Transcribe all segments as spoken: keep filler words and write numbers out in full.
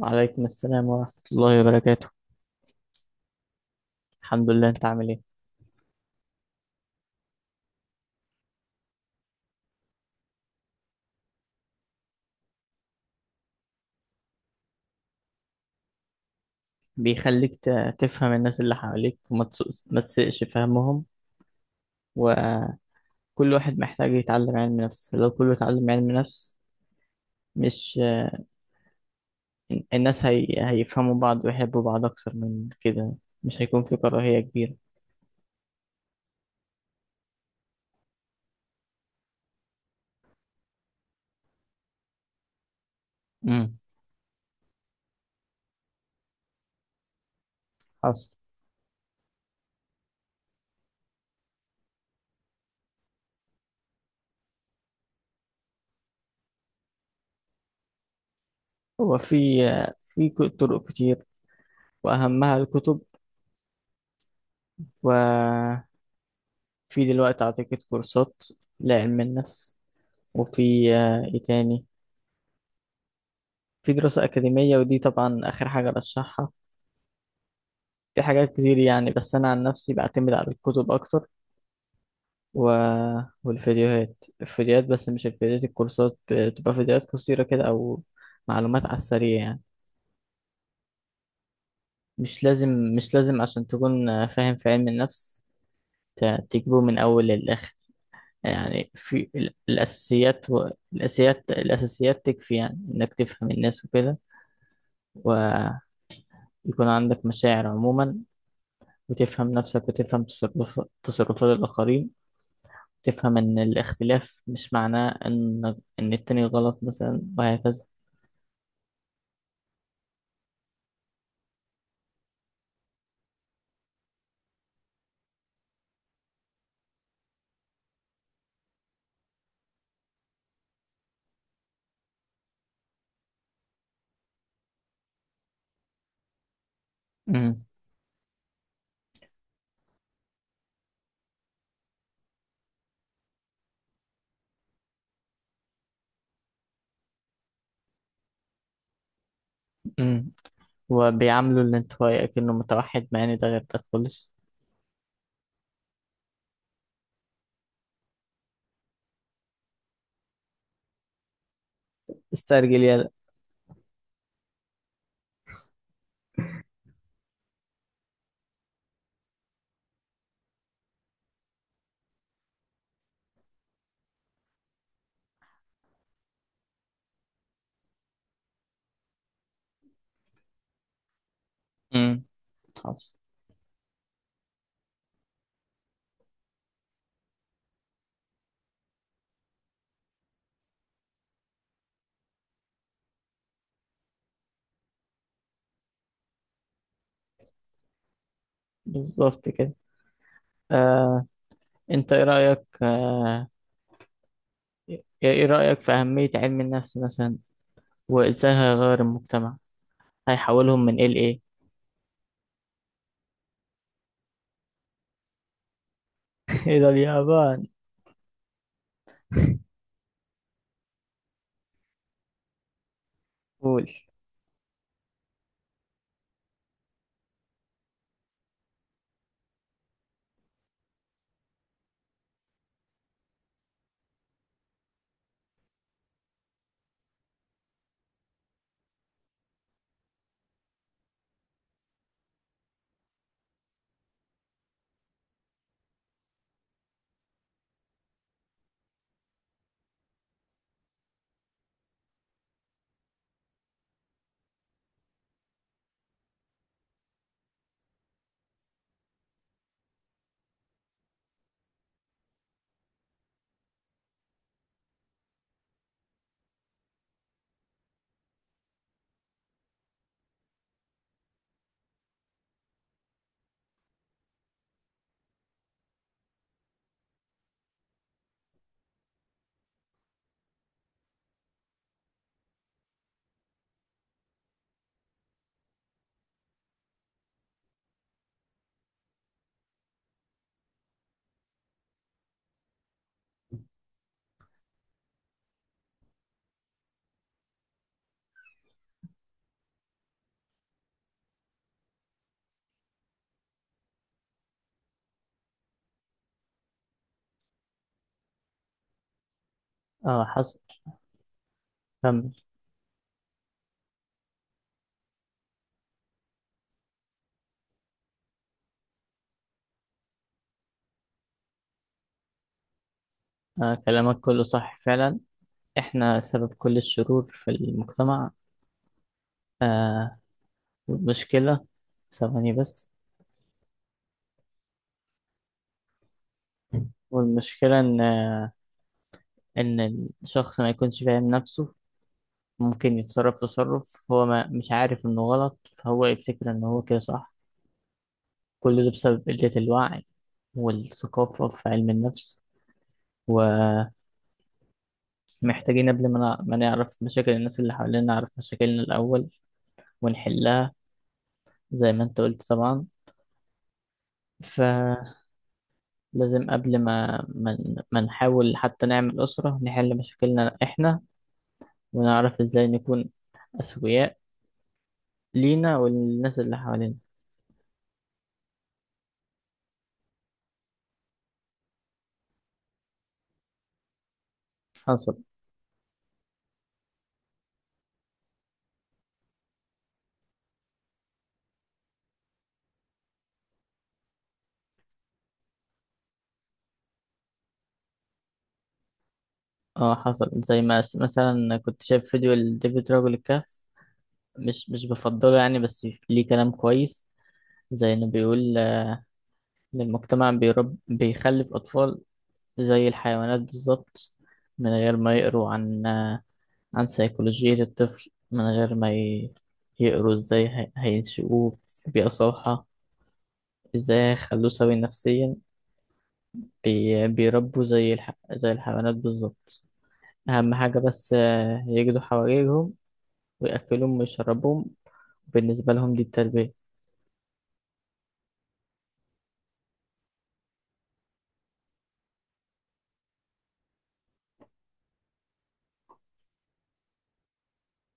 وعليكم السلام ورحمة الله وبركاته. الحمد لله، انت عامل ايه؟ بيخليك ت- تفهم الناس اللي حواليك وما تسوقش- ما تسقش فهمهم. وكل واحد محتاج يتعلم علم نفس. لو كله اتعلم علم نفس، مش الناس هي... هيفهموا بعض ويحبوا بعض أكتر من كده. مش هيكون في كراهية كبيرة. امم حصل. هو في في ك- طرق كتير، وأهمها الكتب. وفي دلوقتي أعتقد كورسات لعلم النفس. وفي آه، ايه تاني، في دراسة أكاديمية، ودي طبعا آخر حاجة برشحها. في حاجات كتير يعني، بس أنا عن نفسي بعتمد على الكتب أكتر و... والفيديوهات. الفيديوهات بس مش الفيديوهات الكورسات بتبقى فيديوهات قصيرة كده، أو معلومات على السريع يعني. مش لازم مش لازم عشان تكون فاهم في علم النفس ت- تجيبه من أول للآخر. يعني في ال- الأساسيات و... الأساسيات الأساسيات تكفي يعني إنك تفهم الناس وكده. ويكون عندك مشاعر عموما، وتفهم نفسك وتفهم تصرف تصرفات الآخرين. تفهم إن الاختلاف مش معناه إن إن التاني غلط مثلا، وهكذا. أمم، أمم. وبيعاملوا الانطوائي كأنه متوحد، مع إن ده غير ده خالص. استرجل يلا. أمم، خلاص. بالظبط كده. آه، أنت إيه رأيك، آه، إيه إيه رأيك في أهمية علم النفس مثلا، وإزاي هيغير المجتمع؟ هيحولهم من إيه لإيه؟ إيه ده، اليابان؟ قول. اه، حصل. كمل. آه، كلامك كله صح فعلا. احنا سبب كل الشرور في المجتمع. آه. المشكلة، ثواني بس. والمشكلة ان ان الشخص ما يكونش فاهم نفسه. ممكن يتصرف تصرف هو ما مش عارف انه غلط، فهو يفتكر ان هو كده صح. كل ده بسبب قلة الوعي والثقافة في علم النفس. ومحتاجين قبل ما نع- ما نعرف مشاكل الناس اللي حوالينا، نعرف مشاكلنا الأول ونحلها، زي ما انت قلت طبعا. ف لازم قبل ما ما ما نحاول حتى نعمل أسرة، نحل مشاكلنا إحنا، ونعرف إزاي نكون أسوياء لينا والناس اللي حوالينا. حصل. اه، حصل. زي ما س- مثلا كنت شايف فيديو لديفيد راجل الكهف. مش مش بفضله يعني، بس ليه كلام كويس. زي إنه بيقول آه، إن المجتمع بيرب بيخلف أطفال زي الحيوانات بالظبط. من غير ما يقروا عن آه، عن سيكولوجية الطفل، من غير ما ي- يقروا ازاي هي- هينشئوه في بيئة صالحة، ازاي هيخلوه سوي نفسيا. بي- بيربوا زي الح... زي الحيوانات بالظبط. أهم حاجة بس آه، يجدوا حواليهم ويأكلوهم ويشربوهم، بالنسبة لهم دي التربية.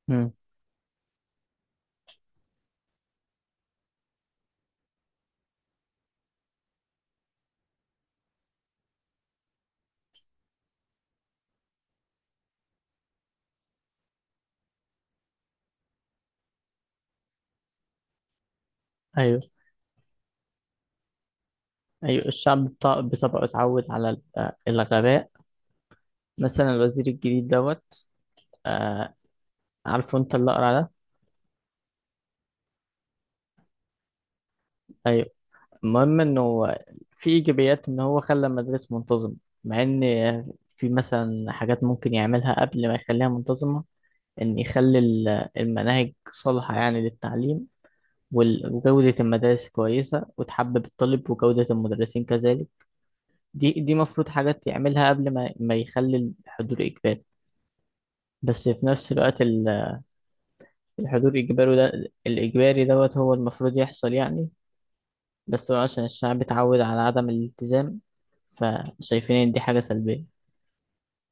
مم. أيوة. أيوة، الشعب بط- بطبعه اتعود على ال- آه، الغباء. مثلا الوزير الجديد دوت. آه، عارفه انت اللي أقرع ده؟ أيوه. المهم انه في ايجابيات ان هو خلى المدرسة منتظم، مع ان في مثلا حاجات ممكن يعملها قبل ما يخليها منتظمة. ان يخلي ال- المناهج صالحة يعني للتعليم، وال- وجودة المدارس كويسة وتحبب الطالب، وجودة المدرسين كذلك. دي دي مفروض حاجات يعملها قبل ما ما يخلي الحضور إجباري. بس في نفس الوقت ال- الحضور إجباري ده، الإجباري دوت هو المفروض يحصل يعني. بس هو عشان الشعب اتعود على عدم الالتزام، فشايفين إن دي حاجة سلبية.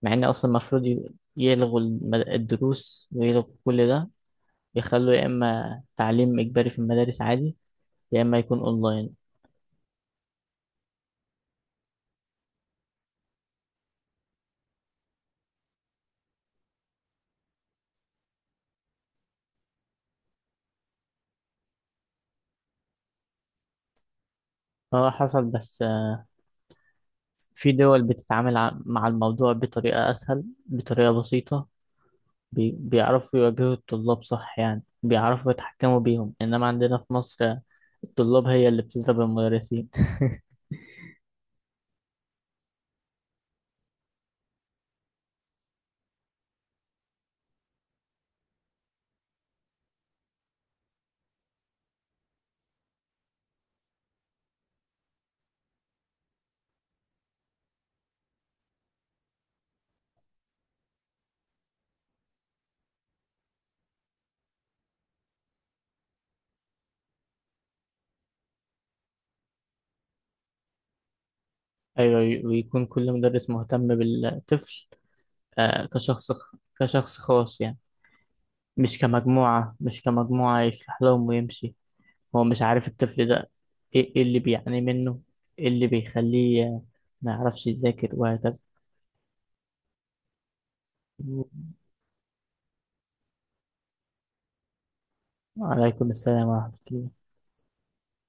مع إن أصلا المفروض ي- يلغوا المد- الدروس ويلغوا كل ده. يخلوا يا إما تعليم إجباري في المدارس عادي، يا إما يكون أونلاين. هو حصل بس آه، في دول بتتعامل ع- مع الموضوع بطريقة أسهل، بطريقة بسيطة. بي- بيعرفوا يواجهوا الطلاب صح يعني، بيعرفوا يتحكموا بيهم. إنما عندنا في مصر، الطلاب هي اللي بتضرب المدرسين. أيوة. ويكون كل مدرس مهتم بالطفل آه، كشخص، كشخص خاص يعني. مش كمجموعة مش كمجموعة يسلح لهم ويمشي، هو مش عارف الطفل ده ايه إيه اللي بيعاني منه، ايه اللي بيخليه ما يعرفش يذاكر، وهكذا. وعليكم السلام ورحمة الله.